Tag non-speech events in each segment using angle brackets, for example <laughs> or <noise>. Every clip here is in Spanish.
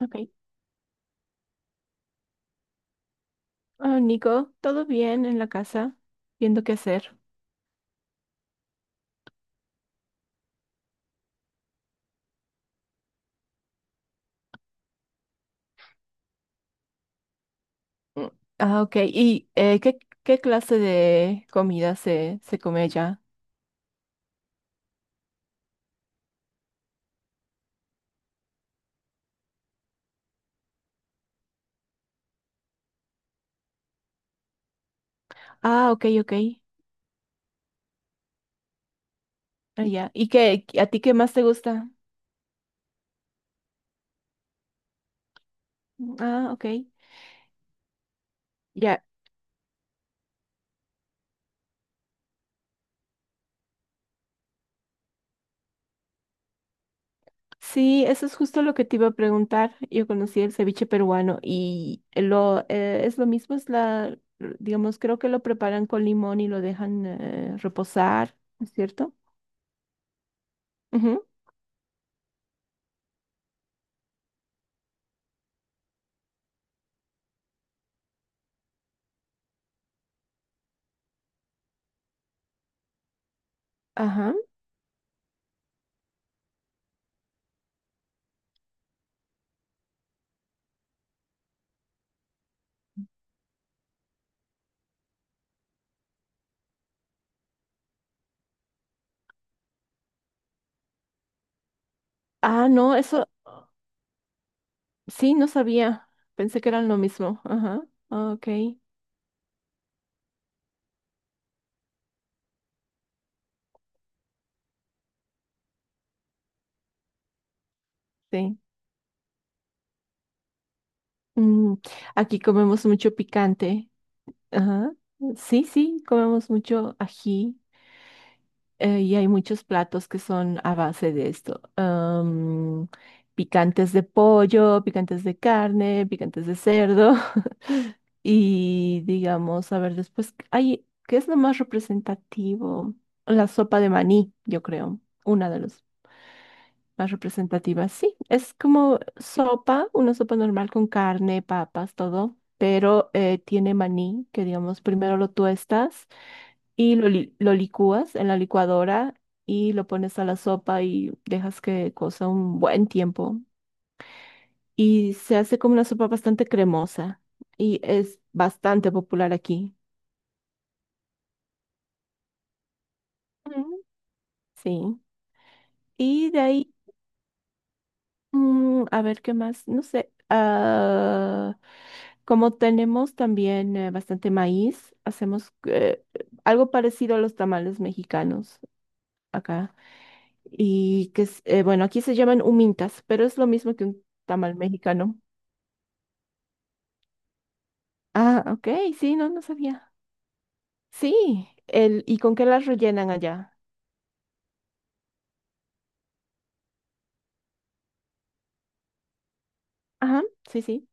Ok. Ah, Nico, ¿todo bien en la casa? Viendo qué hacer. Mm. Ah, ok. ¿Y qué, qué clase de comida se come allá? Ah, ok, ok. Ah, ya. ¿Y qué, a ti qué más te gusta? Mm, ah, ok. Ya. Sí, eso es justo lo que te iba a preguntar. Yo conocí el ceviche peruano y lo es lo mismo, es la, digamos, creo que lo preparan con limón y lo dejan reposar, ¿no es cierto? Ujú. Ajá. Ah, no, eso. Sí, no sabía. Pensé que eran lo mismo. Ajá. Ah, ok. Sí. Mm, aquí comemos mucho picante. Ajá. Sí, sí, comemos mucho ají. Eh, y hay muchos platos que son a base de esto. Am, picantes de pollo, picantes de carne, picantes de cerdo. <laughs> Y digamos, a ver, después, ay, ¿qué es lo más representativo? La sopa de maní, yo creo. Una de los más representativas. Sí, es como sopa, una sopa normal con carne, papas, todo, pero tiene maní, que digamos, primero lo tuestas y lo licúas en la licuadora y lo pones a la sopa y dejas que cosa un buen tiempo. Y se hace como una sopa bastante cremosa y es bastante popular aquí. Mm. Sí. Y de ahí mm, a ver, ¿qué más? No sé. Ah, como tenemos también bastante maíz, hacemos algo parecido a los tamales mexicanos acá. Y que es, bueno, aquí se llaman humintas, pero es lo mismo que un tamal mexicano. Ah, ok, sí, no, no sabía. Sí, el, ¿y con qué las rellenan allá? Ajá, sí, sí,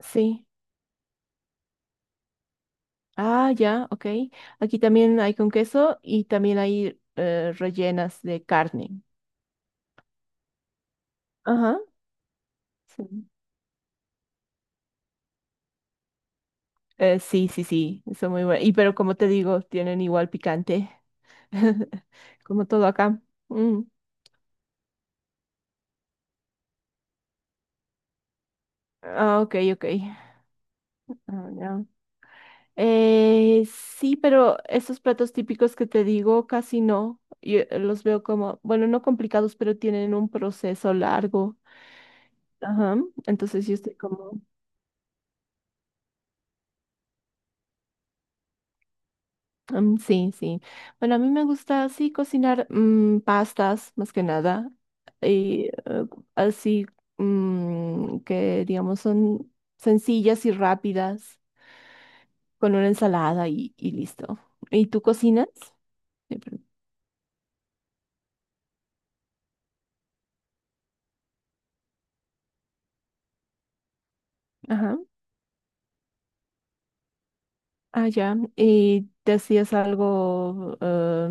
sí. Ah, ya, ok. Aquí también hay con queso y también hay rellenas de carne. Ajá. Sí. Sí, sí, sí, son muy buenas. Y pero como te digo, tienen igual picante, <laughs> como todo acá. Mm. Ah, ok, ok. Ah, ya. Sí, pero esos platos típicos que te digo, casi no. Yo los veo como, bueno, no complicados, pero tienen un proceso largo. Ajá. Entonces yo estoy como... Mm, sí, sí. Bueno, a mí me gusta así cocinar mm, pastas más que nada. Y así mm, que digamos son sencillas y rápidas con una ensalada y listo. ¿Y tú cocinas? Sí, pero- Ajá. Ah, ya. ¿Y te hacías algo? Eh,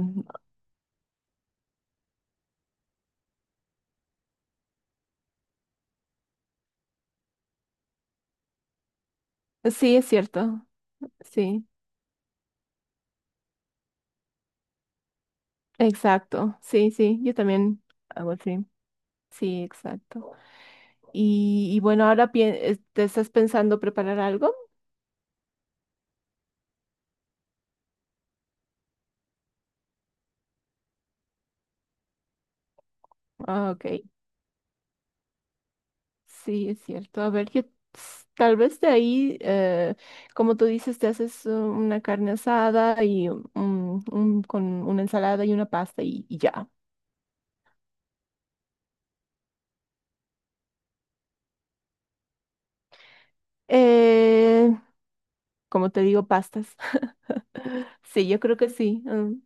sí, es cierto. Sí, exacto. Sí, sí. Yo también hago así. Sí, exacto. Y bueno, ahora te estás pensando preparar algo. Ah, ok. Sí, es cierto. A ver, yo tal vez de ahí, como tú dices, te haces una carne asada y con una ensalada y una pasta y ya. Eh, como te digo, pastas. <laughs> Sí, yo creo que sí. Mm.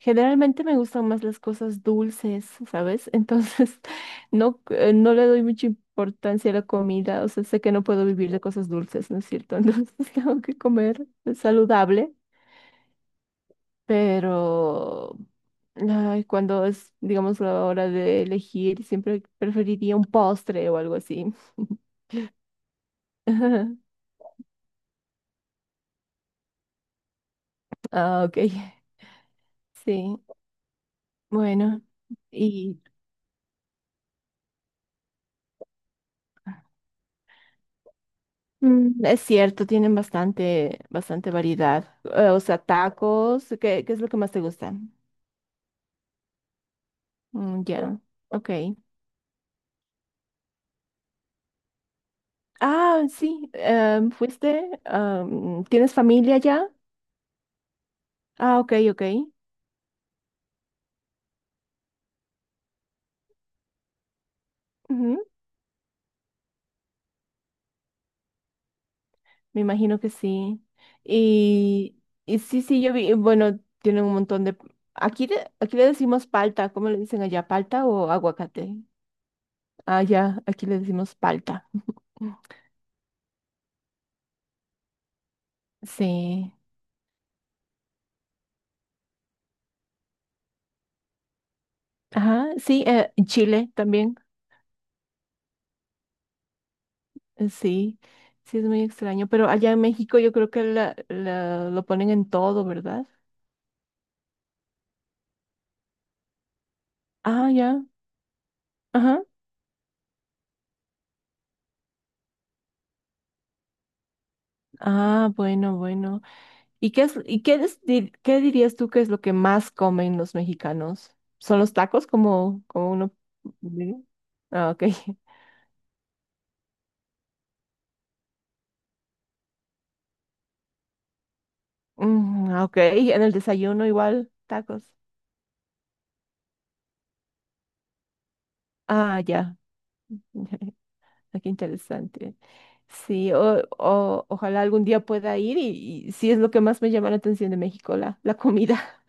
Generalmente me gustan más las cosas dulces, ¿sabes? Entonces, <laughs> no, no le doy mucha importancia a la comida. O sea, sé que no puedo vivir de cosas dulces, ¿no es cierto? <laughs> Entonces, tengo que comer saludable, pero ay, cuando es, digamos, la hora de elegir, siempre preferiría un postre o algo así. <laughs> Ah, ok. Sí. Bueno. Y mm, es cierto, tienen bastante, bastante variedad. O sea, tacos, ¿qué, qué es lo que más te gusta? Mm, ya, ok. Ah, sí, em, fuiste, am, ¿tienes familia ya? Ah, ok, ok. Ujú, me imagino que sí. Y, y sí, sí, yo vi, bueno, tienen un montón de... Aquí, aquí le decimos palta, ¿cómo le dicen allá? ¿Palta o aguacate? Ah, ya, aquí le decimos palta. <laughs> Sí. Ajá, sí, en Chile también. Sí, sí es muy extraño, pero allá en México yo creo que lo ponen en todo, ¿verdad? Ah, ya. Ajá. Ah, bueno, bueno. Y qué es qué dirías tú que es lo que más comen los mexicanos? ¿Son los tacos como, como uno diría? Ah, ok. <laughs> Mm, ah, ok, y en el desayuno igual, tacos. Ah, ya. <laughs> Ah, qué interesante. Sí, ojalá algún día pueda ir y sí es lo que más me llama la atención de México, la comida.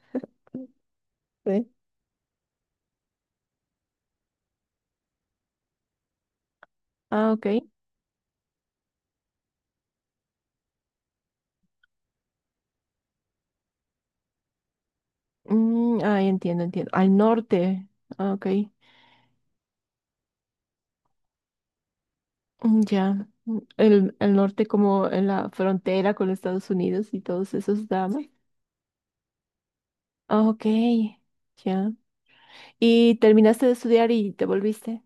Sí. Ah, ok. Mm, ah, entiendo, entiendo. Al norte. Ah, ok. Mm, ya. Mm, el norte como en la frontera con los Estados Unidos y todos esos dramas. Ah, ok. Ya. ¿Y terminaste de estudiar y te volviste?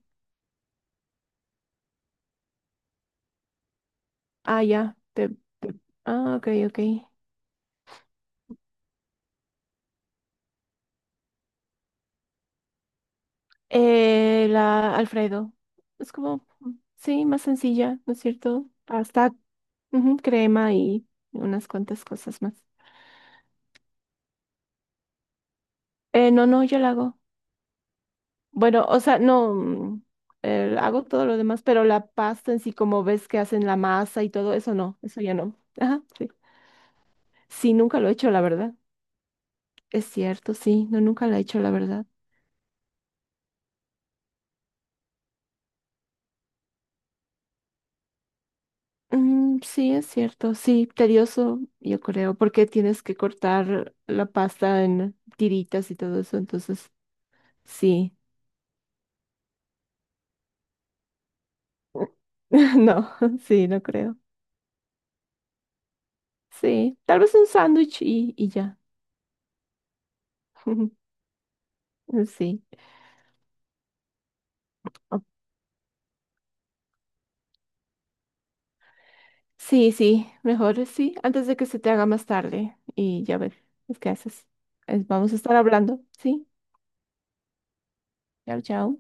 Ah, ya. Te- Ah, ok, ok. La Alfredo. Es como, mm, sí, más sencilla, ¿no es cierto? Hasta ujú, crema y unas cuantas cosas más. No, no, yo la hago. Bueno, o sea, no, mm, hago todo lo demás, pero la pasta en sí, como ves que hacen la masa y todo eso, no, eso ya no. Ajá, sí. Sí, nunca lo he hecho, la verdad. Es cierto, sí, no, nunca la he hecho, la verdad. Mm, sí, es cierto, sí, tedioso, yo creo, porque tienes que cortar la pasta en tiritas y todo eso, entonces, sí. <laughs> No, <laughs> sí, no creo. Sí, tal vez un sándwich y ya. <laughs> Sí. Sí, sí, mejor sí, antes de que se te haga más tarde y ya ver, pues, ¿qué haces? Vamos a estar hablando, ¿sí? Chao, chao.